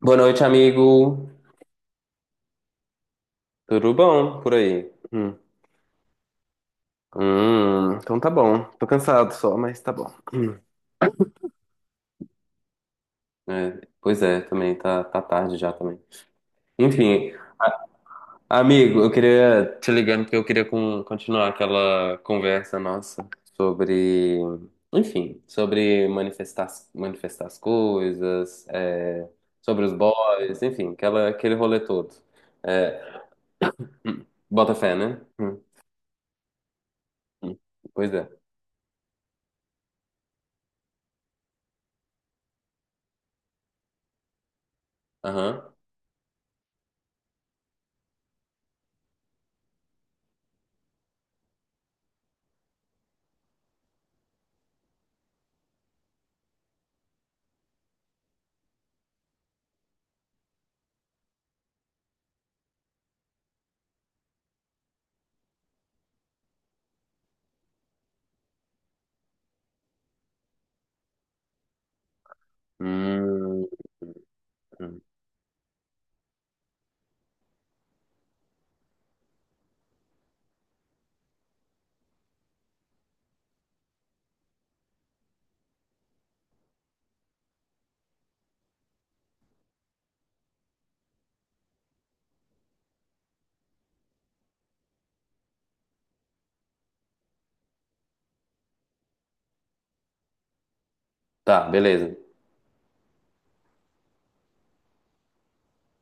Boa noite, amigo. Tudo bom por aí? Hum. Então tá bom. Tô cansado só, mas tá bom. Hum. É, pois é, também tá, tá tarde já também. Enfim, a- amigo, eu queria te ligando porque eu queria continuar aquela conversa nossa sobre, enfim, sobre manifestar, manifestar as coisas, é, sobre os boys, enfim, aquele rolê todo. É, bota fé, né? Hum. Hum, pois é. Aham. Hum, hum. Hum. Tá, beleza.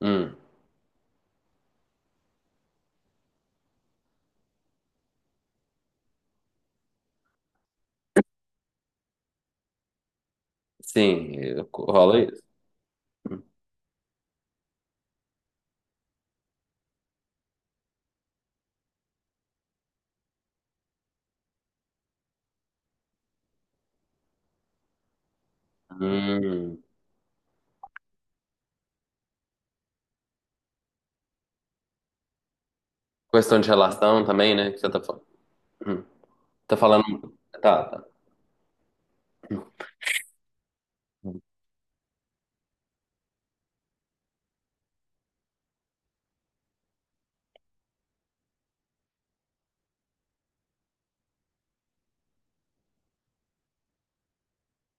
Hum, sim, rola isso. Hum, questão de relação também, né? Que você tá falando. Hum, tá falando. Tá, tá.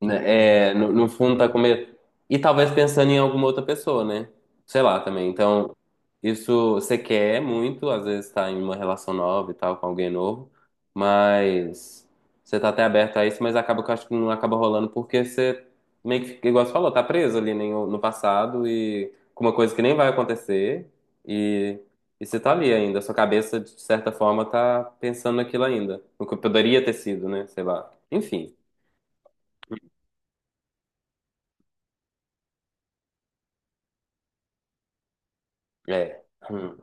Né, é, no fundo tá com medo. E talvez pensando em alguma outra pessoa, né? Sei lá também. Então, isso você quer muito, às vezes tá em uma relação nova e tal, com alguém novo, mas você tá até aberto a isso, mas acaba que eu acho que não acaba rolando porque você meio que, fica, igual você falou, tá preso ali no passado e com uma coisa que nem vai acontecer e, e você tá ali ainda. Sua cabeça, de certa forma, tá pensando naquilo ainda, no que poderia ter sido, né? Sei lá. Enfim, é. Hum.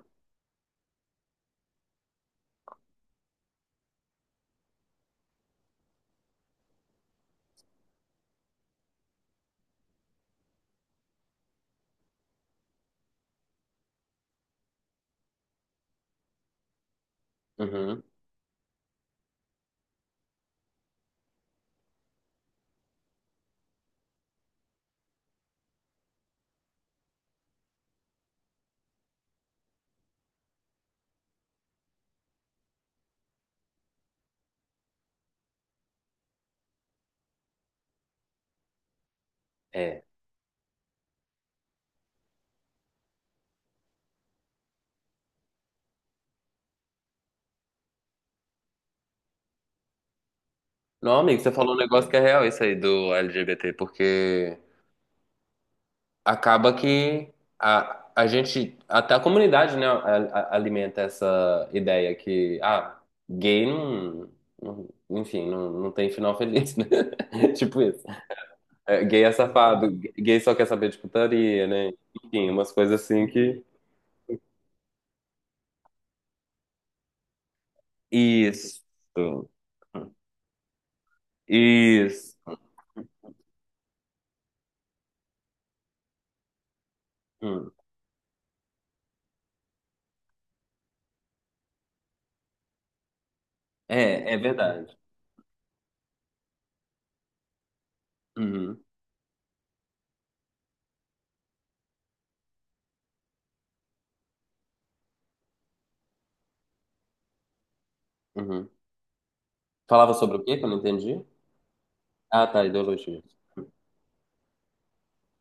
Uhum. É. Não, amigo, você falou um negócio que é real isso aí do LGBT, porque acaba que a gente, até a comunidade, né, alimenta essa ideia que, ah, gay não, enfim, não, não tem final feliz, né? Tipo isso. É, gay é safado, gay só quer saber de putaria, né? Enfim, umas coisas assim que. Isso. Isso. Hum. É, é verdade. Uhum, uhum. Falava sobre o quê que eu não entendi? Ah, tá, ideologia.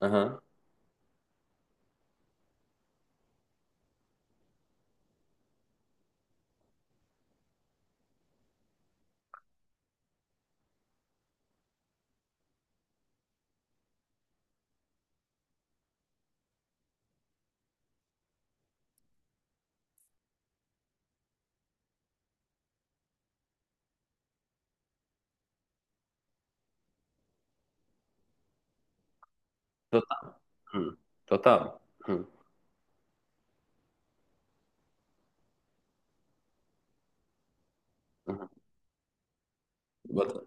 Aham. Total. Hum. Total. Hum. Uhum. Bota-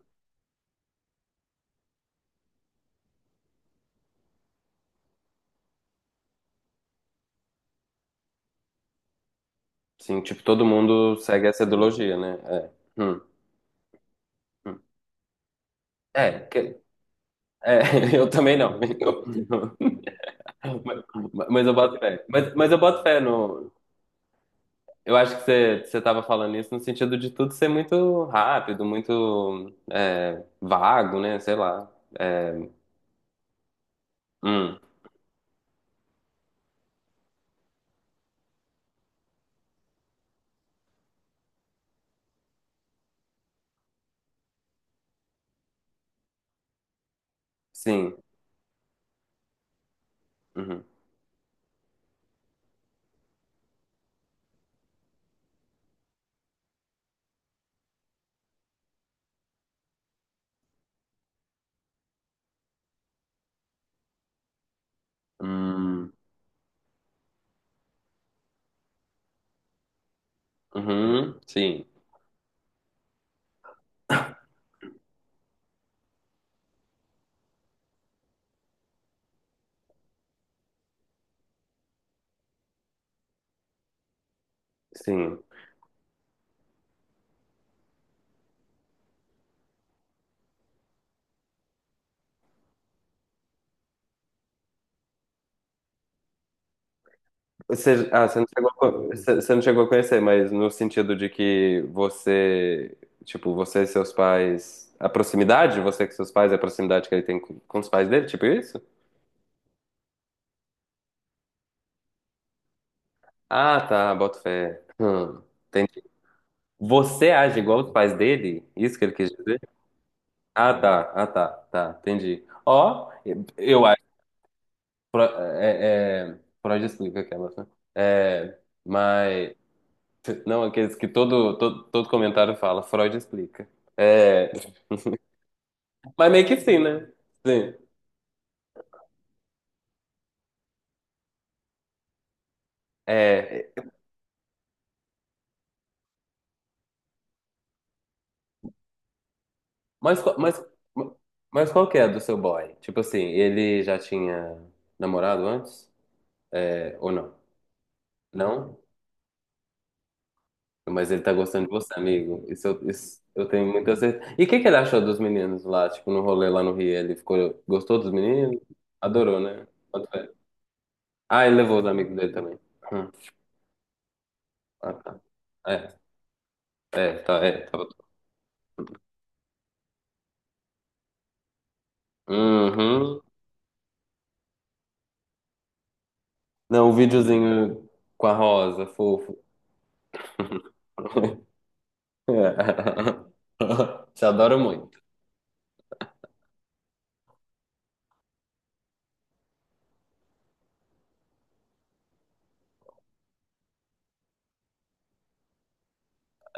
Sim, tipo, todo mundo segue essa ideologia, né? É. Hum. É, é, eu também não. Mas, mas eu boto fé. Mas eu boto fé no. Eu acho que você, você tava falando isso no sentido de tudo ser muito rápido, muito é, vago, né? Sei lá. É, hum, sim. Uhum. Hum, uhum, sim. Sim. Você, ah, você não chegou a, você não chegou a conhecer, mas no sentido de que você, tipo, você e seus pais, a proximidade, você com seus pais, a proximidade que ele tem com os pais dele, tipo isso? Ah, tá, boto fé. Entendi. Você age igual os pais dele? Isso que ele quis dizer? Ah, tá, ah, tá, tá, entendi. Ó, eu acho, é, é, Freud explica aquelas, né? É, mas, não, aqueles que todo, todo, todo comentário fala, Freud explica. É... Mas meio que sim, né? Sim. É, mas, mas qual que é do seu boy? Tipo assim, ele já tinha namorado antes? É, ou não? Não? Mas ele tá gostando de você, amigo. Isso, isso eu tenho muita certeza. E o que que ele achou dos meninos lá, tipo, no rolê lá no Rio? Ele ficou, gostou dos meninos? Adorou, né? Quanto é? Ah, ele levou os amigos dele também. Hum. Ah, tá. É, é, tá, é. Tá. Uhum. Não, o videozinho com a rosa, fofo. Te adoro muito.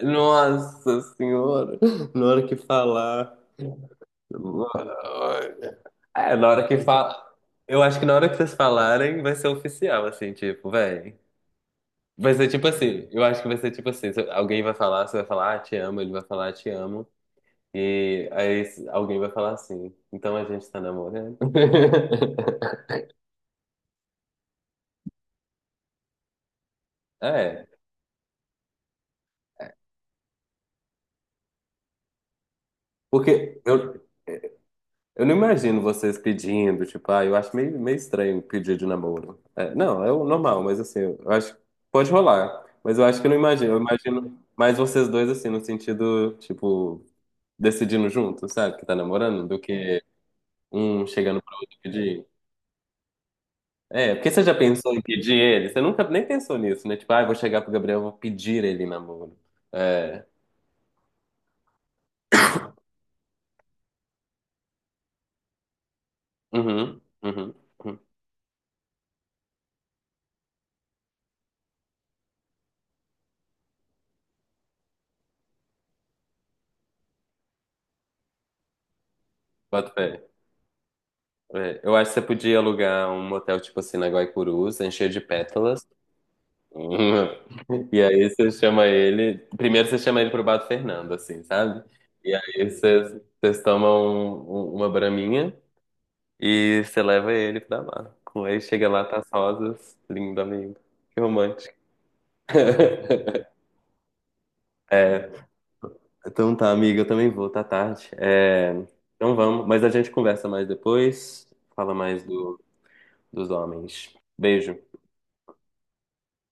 Nossa Senhora, na hora que falar. É, na hora que fala. Eu acho que na hora que vocês falarem, vai ser oficial, assim, tipo, véi. Vai ser tipo assim, eu acho que vai ser tipo assim, se alguém vai falar, você vai falar, ah, te amo, ele vai falar, "Ah, te amo, e aí alguém vai falar assim, então a gente tá namorando. É, porque eu não imagino vocês pedindo, tipo, ah, eu acho meio, meio estranho pedir de namoro. É, não, é o normal, mas assim, eu acho que pode rolar. Mas eu acho que eu não imagino. Eu imagino mais vocês dois, assim, no sentido, tipo, decidindo junto, sabe? Que tá namorando, do que um chegando pro outro pedir. É, porque você já pensou em pedir ele? Você nunca nem pensou nisso, né? Tipo, ah, eu vou chegar pro Gabriel, eu vou pedir ele em namoro. É. Uhum, uhum, uhum. Bota fé. É, eu acho que você podia alugar um motel, tipo assim, na Guaicurus, encher de pétalas. E aí você chama ele. Primeiro você chama ele pro Bato Fernando, assim, sabe? E aí vocês tomam uma braminha e você leva ele pra lá. Aí chega lá, tá as rosas. Lindo, amigo. Que romântico. É, então tá, amiga, eu também vou, tá tarde. É, então vamos, mas a gente conversa mais depois. Fala mais do, dos homens. Beijo.